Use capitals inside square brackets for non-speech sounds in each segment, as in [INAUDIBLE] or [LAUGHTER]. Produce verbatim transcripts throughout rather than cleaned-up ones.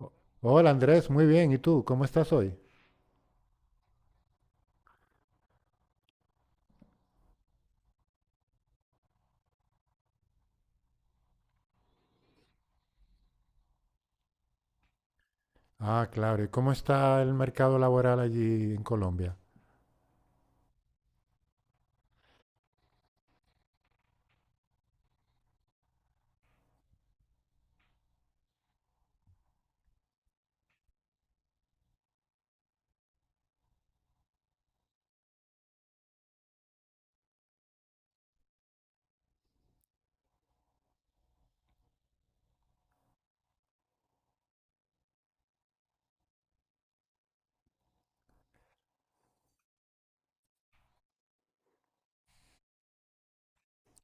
O- Hola Andrés, muy bien. ¿Y tú? ¿Cómo estás hoy? Ah, claro. ¿Y cómo está el mercado laboral allí en Colombia?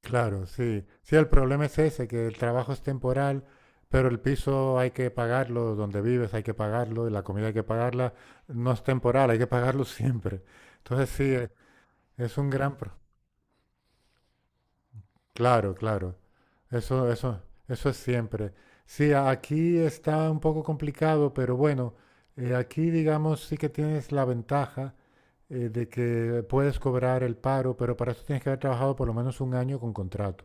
Claro, sí. Sí, el problema es ese, que el trabajo es temporal, pero el piso hay que pagarlo, donde vives hay que pagarlo, y la comida hay que pagarla. No es temporal, hay que pagarlo [LAUGHS] siempre. Entonces sí, e- es un gran... pro- Claro, claro. Eso, eso, eso es siempre. Sí, a- aquí está un poco complicado, pero bueno, eh, aquí digamos sí que tienes la ventaja eh, de que puedes cobrar el paro, pero para eso tienes que haber trabajado por lo menos un año con contrato.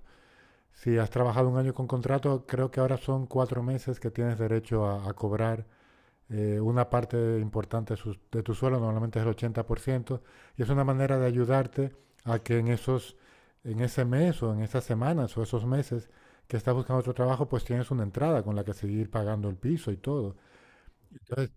Si has trabajado un año con contrato, creo que ahora son cuatro meses que tienes derecho a, a cobrar eh, una parte importante de, su, de, tu suelo, normalmente es el ochenta por ciento y es una manera de ayudarte a que en, esos, en ese mes o en esas semanas o esos meses que estás buscando otro trabajo, pues tienes una entrada con la que seguir pagando el piso y todo. Entonces,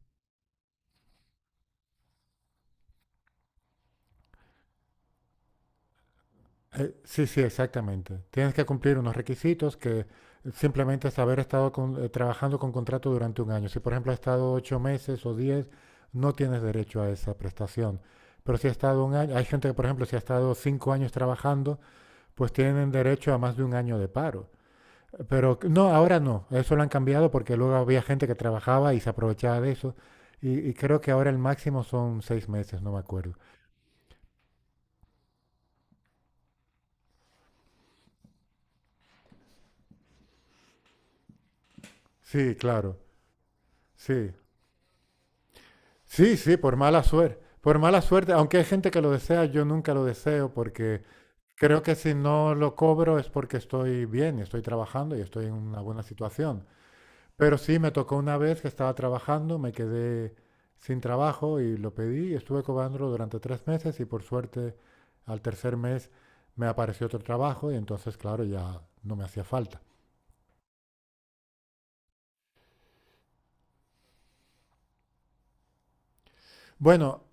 eh, sí, sí, exactamente. Tienes que cumplir unos requisitos que simplemente es haber estado con, eh, trabajando con contrato durante un año. Si, por ejemplo, has estado ocho meses o diez, no tienes derecho a esa prestación. Pero si has estado un año, hay gente que, por ejemplo, si ha estado cinco años trabajando, pues tienen derecho a más de un año de paro. Pero no, ahora no, eso lo han cambiado porque luego había gente que trabajaba y se aprovechaba de eso. Y, y creo que ahora el máximo son seis meses, no me acuerdo. Sí, claro, sí. Sí, sí, por mala suerte. Por mala suerte, aunque hay gente que lo desea, yo nunca lo deseo porque creo que si no lo cobro es porque estoy bien, estoy trabajando y estoy en una buena situación. Pero sí, me tocó una vez que estaba trabajando, me quedé sin trabajo y lo pedí y estuve cobrándolo durante tres meses y por suerte al tercer mes me apareció otro trabajo y entonces, claro, ya no me hacía falta. Bueno,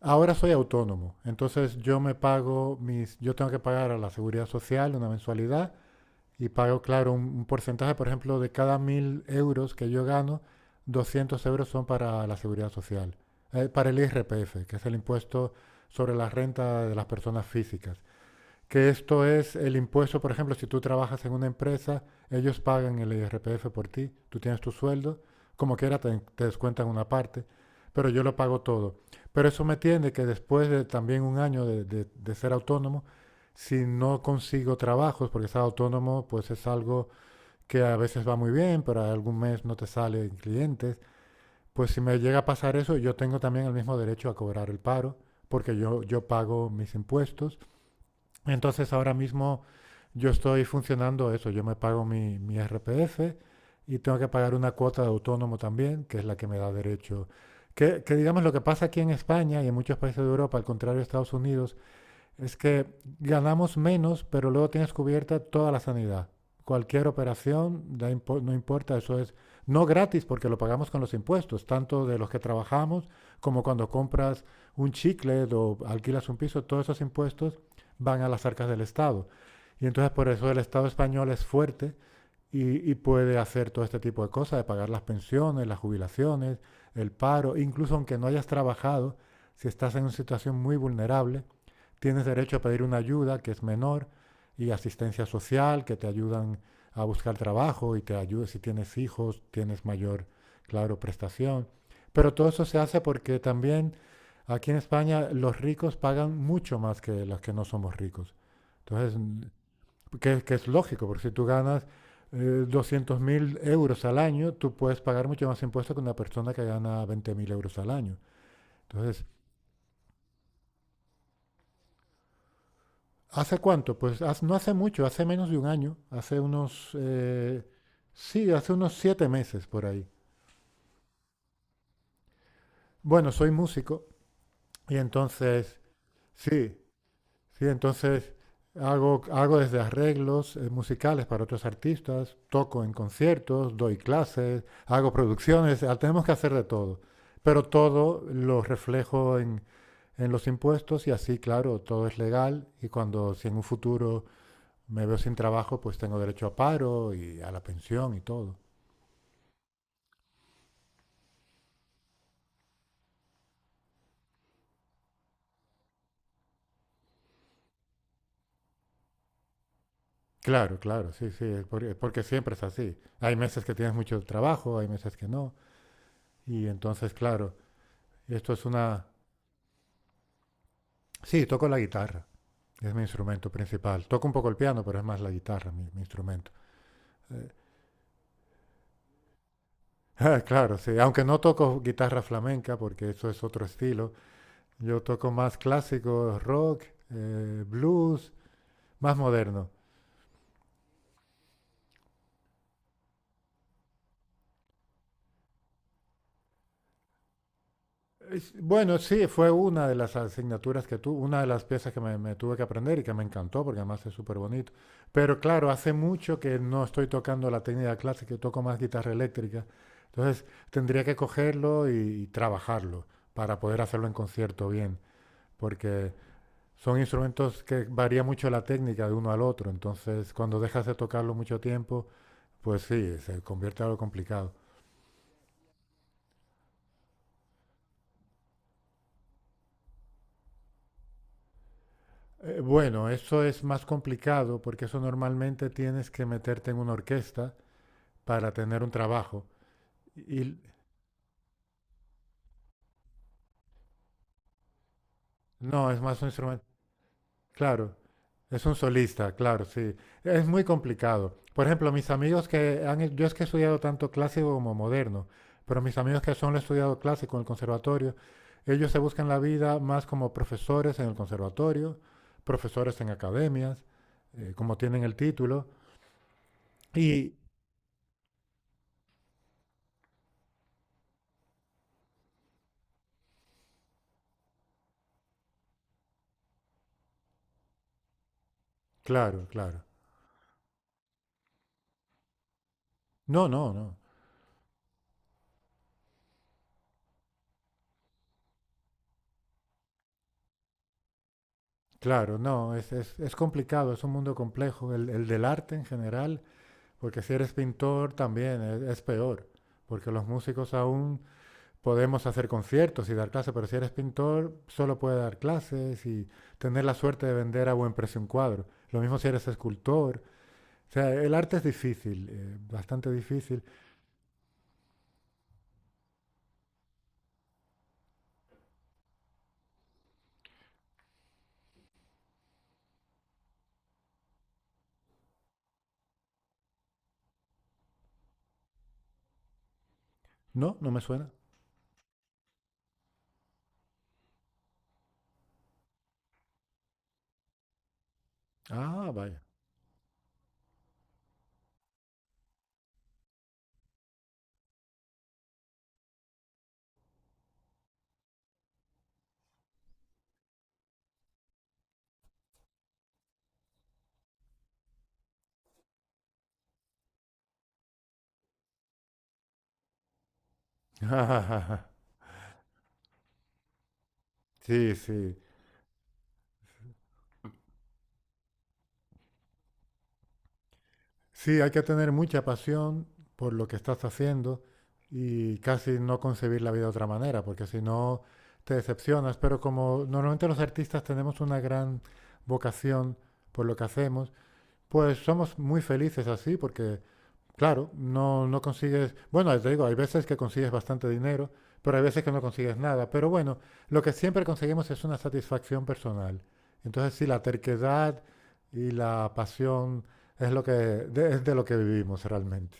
ahora soy autónomo, entonces yo me pago mis, yo tengo que pagar a la seguridad social una mensualidad y pago, claro, un, un porcentaje, por ejemplo, de cada mil euros que yo gano, doscientos euros son para la seguridad social, eh, para el I R P F, que es el impuesto sobre la renta de las personas físicas. Que esto es el impuesto, por ejemplo, si tú trabajas en una empresa, ellos pagan el I R P F por ti, tú tienes tu sueldo, como quiera te, te descuentan una parte, pero yo lo pago todo. Pero eso me tiende que después de también un año de, de- de ser autónomo, si no consigo trabajos, porque ser autónomo pues es algo que a veces va muy bien, pero algún mes no te salen clientes, pues si me llega a pasar eso, yo tengo también el mismo derecho a cobrar el paro, porque yo, yo pago mis impuestos entonces ahora mismo yo estoy funcionando eso, yo me pago mi, mi R P F y tengo que pagar una cuota de autónomo también, que es la que me da derecho. Que, que digamos lo que pasa aquí en España y en muchos países de Europa, al contrario de Estados Unidos, es que ganamos menos, pero luego tienes cubierta toda la sanidad. Cualquier operación, da impo- no importa, eso es no gratis porque lo pagamos con los impuestos, tanto de los que trabajamos como cuando compras un chicle o alquilas un piso, todos esos impuestos van a las arcas del Estado. Y entonces por eso el Estado español es fuerte y, y puede hacer todo este tipo de cosas, de pagar las pensiones, las jubilaciones, el paro, incluso aunque no hayas trabajado, si estás en una situación muy vulnerable, tienes derecho a pedir una ayuda que es menor y asistencia social que te ayudan a buscar trabajo y te ayuda si tienes hijos, tienes mayor, claro, prestación. Pero todo eso se hace porque también aquí en España los ricos pagan mucho más que los que no somos ricos. Entonces, que, que es lógico, porque si tú ganas eh, doscientos mil euros al año, tú puedes pagar mucho más impuestos que una persona que gana veinte mil euros al año. Entonces, ¿hace cuánto? Pues haz- no hace mucho, hace menos de un año, hace unos, eh, sí, hace unos siete meses por ahí. Bueno, soy músico y entonces, sí, sí, entonces hago, hago desde arreglos eh, musicales para otros artistas, toco en conciertos, doy clases, hago producciones, ah, tenemos que hacer de todo. Pero todo lo reflejo en, en los impuestos y así, claro, todo es legal y cuando, si en un futuro me veo sin trabajo, pues tengo derecho a paro y a la pensión y todo. Claro, claro, sí, sí, es por- es porque siempre es así. Hay meses que tienes mucho trabajo, hay meses que no. Y entonces, claro, esto es una... Sí, toco la guitarra, es mi instrumento principal. Toco un poco el piano, pero es más la guitarra mi, mi instrumento. Eh, [LAUGHS] ah, claro, sí, aunque no toco guitarra flamenca, porque eso es otro estilo. Yo toco más clásico, rock, eh, blues, más moderno. Es- Bueno, sí, fue una de las asignaturas que tuve, una de las piezas que me, me tuve que aprender y que me encantó porque además es súper bonito. Pero claro, hace mucho que no estoy tocando la técnica clásica, yo toco más guitarra eléctrica. Entonces tendría que cogerlo y, y trabajarlo para poder hacerlo en concierto bien, porque son instrumentos que varía mucho la técnica de uno al otro. Entonces, cuando dejas de tocarlo mucho tiempo, pues sí, se convierte en algo complicado. Eh, bueno, eso es más complicado porque eso normalmente tienes que meterte en una orquesta para tener un trabajo. Y no, es más un instrumento. Claro, es un solista, claro, sí. Es muy complicado. Por ejemplo, mis amigos que han, yo es que he estudiado tanto clásico como moderno, pero mis amigos que solo han estudiado clásico en el conservatorio, ellos se buscan la vida más como profesores en el conservatorio, profesores en academias, eh, como tienen el título. Y claro, claro. No, no, no. Claro, no, es, es, es complicado, es un mundo complejo, el, el del arte en general, porque si eres pintor también es, es peor, porque los músicos aún podemos hacer conciertos y dar clases, pero si eres pintor solo puedes dar clases y tener la suerte de vender a buen precio un cuadro. Lo mismo si eres escultor. O sea, el arte es difícil, eh, bastante difícil. No, no me suena. Ah, vaya. [LAUGHS] Sí, sí. Sí, hay que tener mucha pasión por lo que estás haciendo y casi no concebir la vida de otra manera, porque si no te decepcionas. Pero como normalmente los artistas tenemos una gran vocación por lo que hacemos, pues somos muy felices así, porque claro, no, no consigues, bueno, te digo, hay veces que consigues bastante dinero, pero hay veces que no consigues nada. Pero bueno, lo que siempre conseguimos es una satisfacción personal. Entonces, sí, la terquedad y la pasión es lo que de, es de lo que vivimos realmente.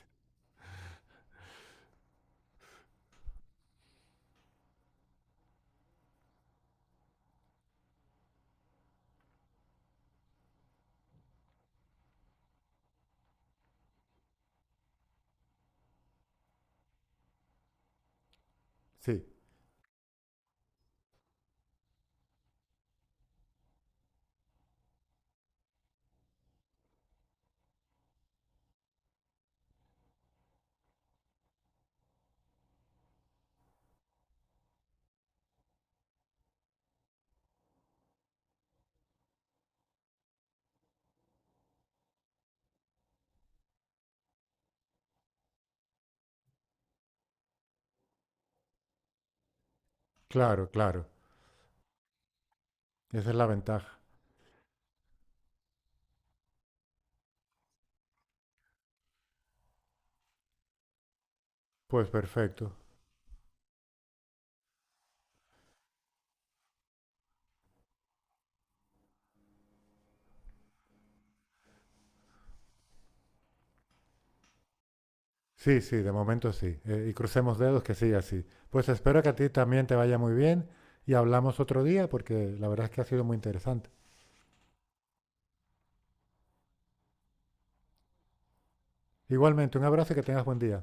Sí, claro, claro. Esa es la ventaja. Pues perfecto. Sí, sí, de momento sí. Eh, y crucemos dedos que siga así. Pues espero que a ti también te vaya muy bien y hablamos otro día porque la verdad es que ha sido muy interesante. Igualmente, un abrazo y que tengas buen día.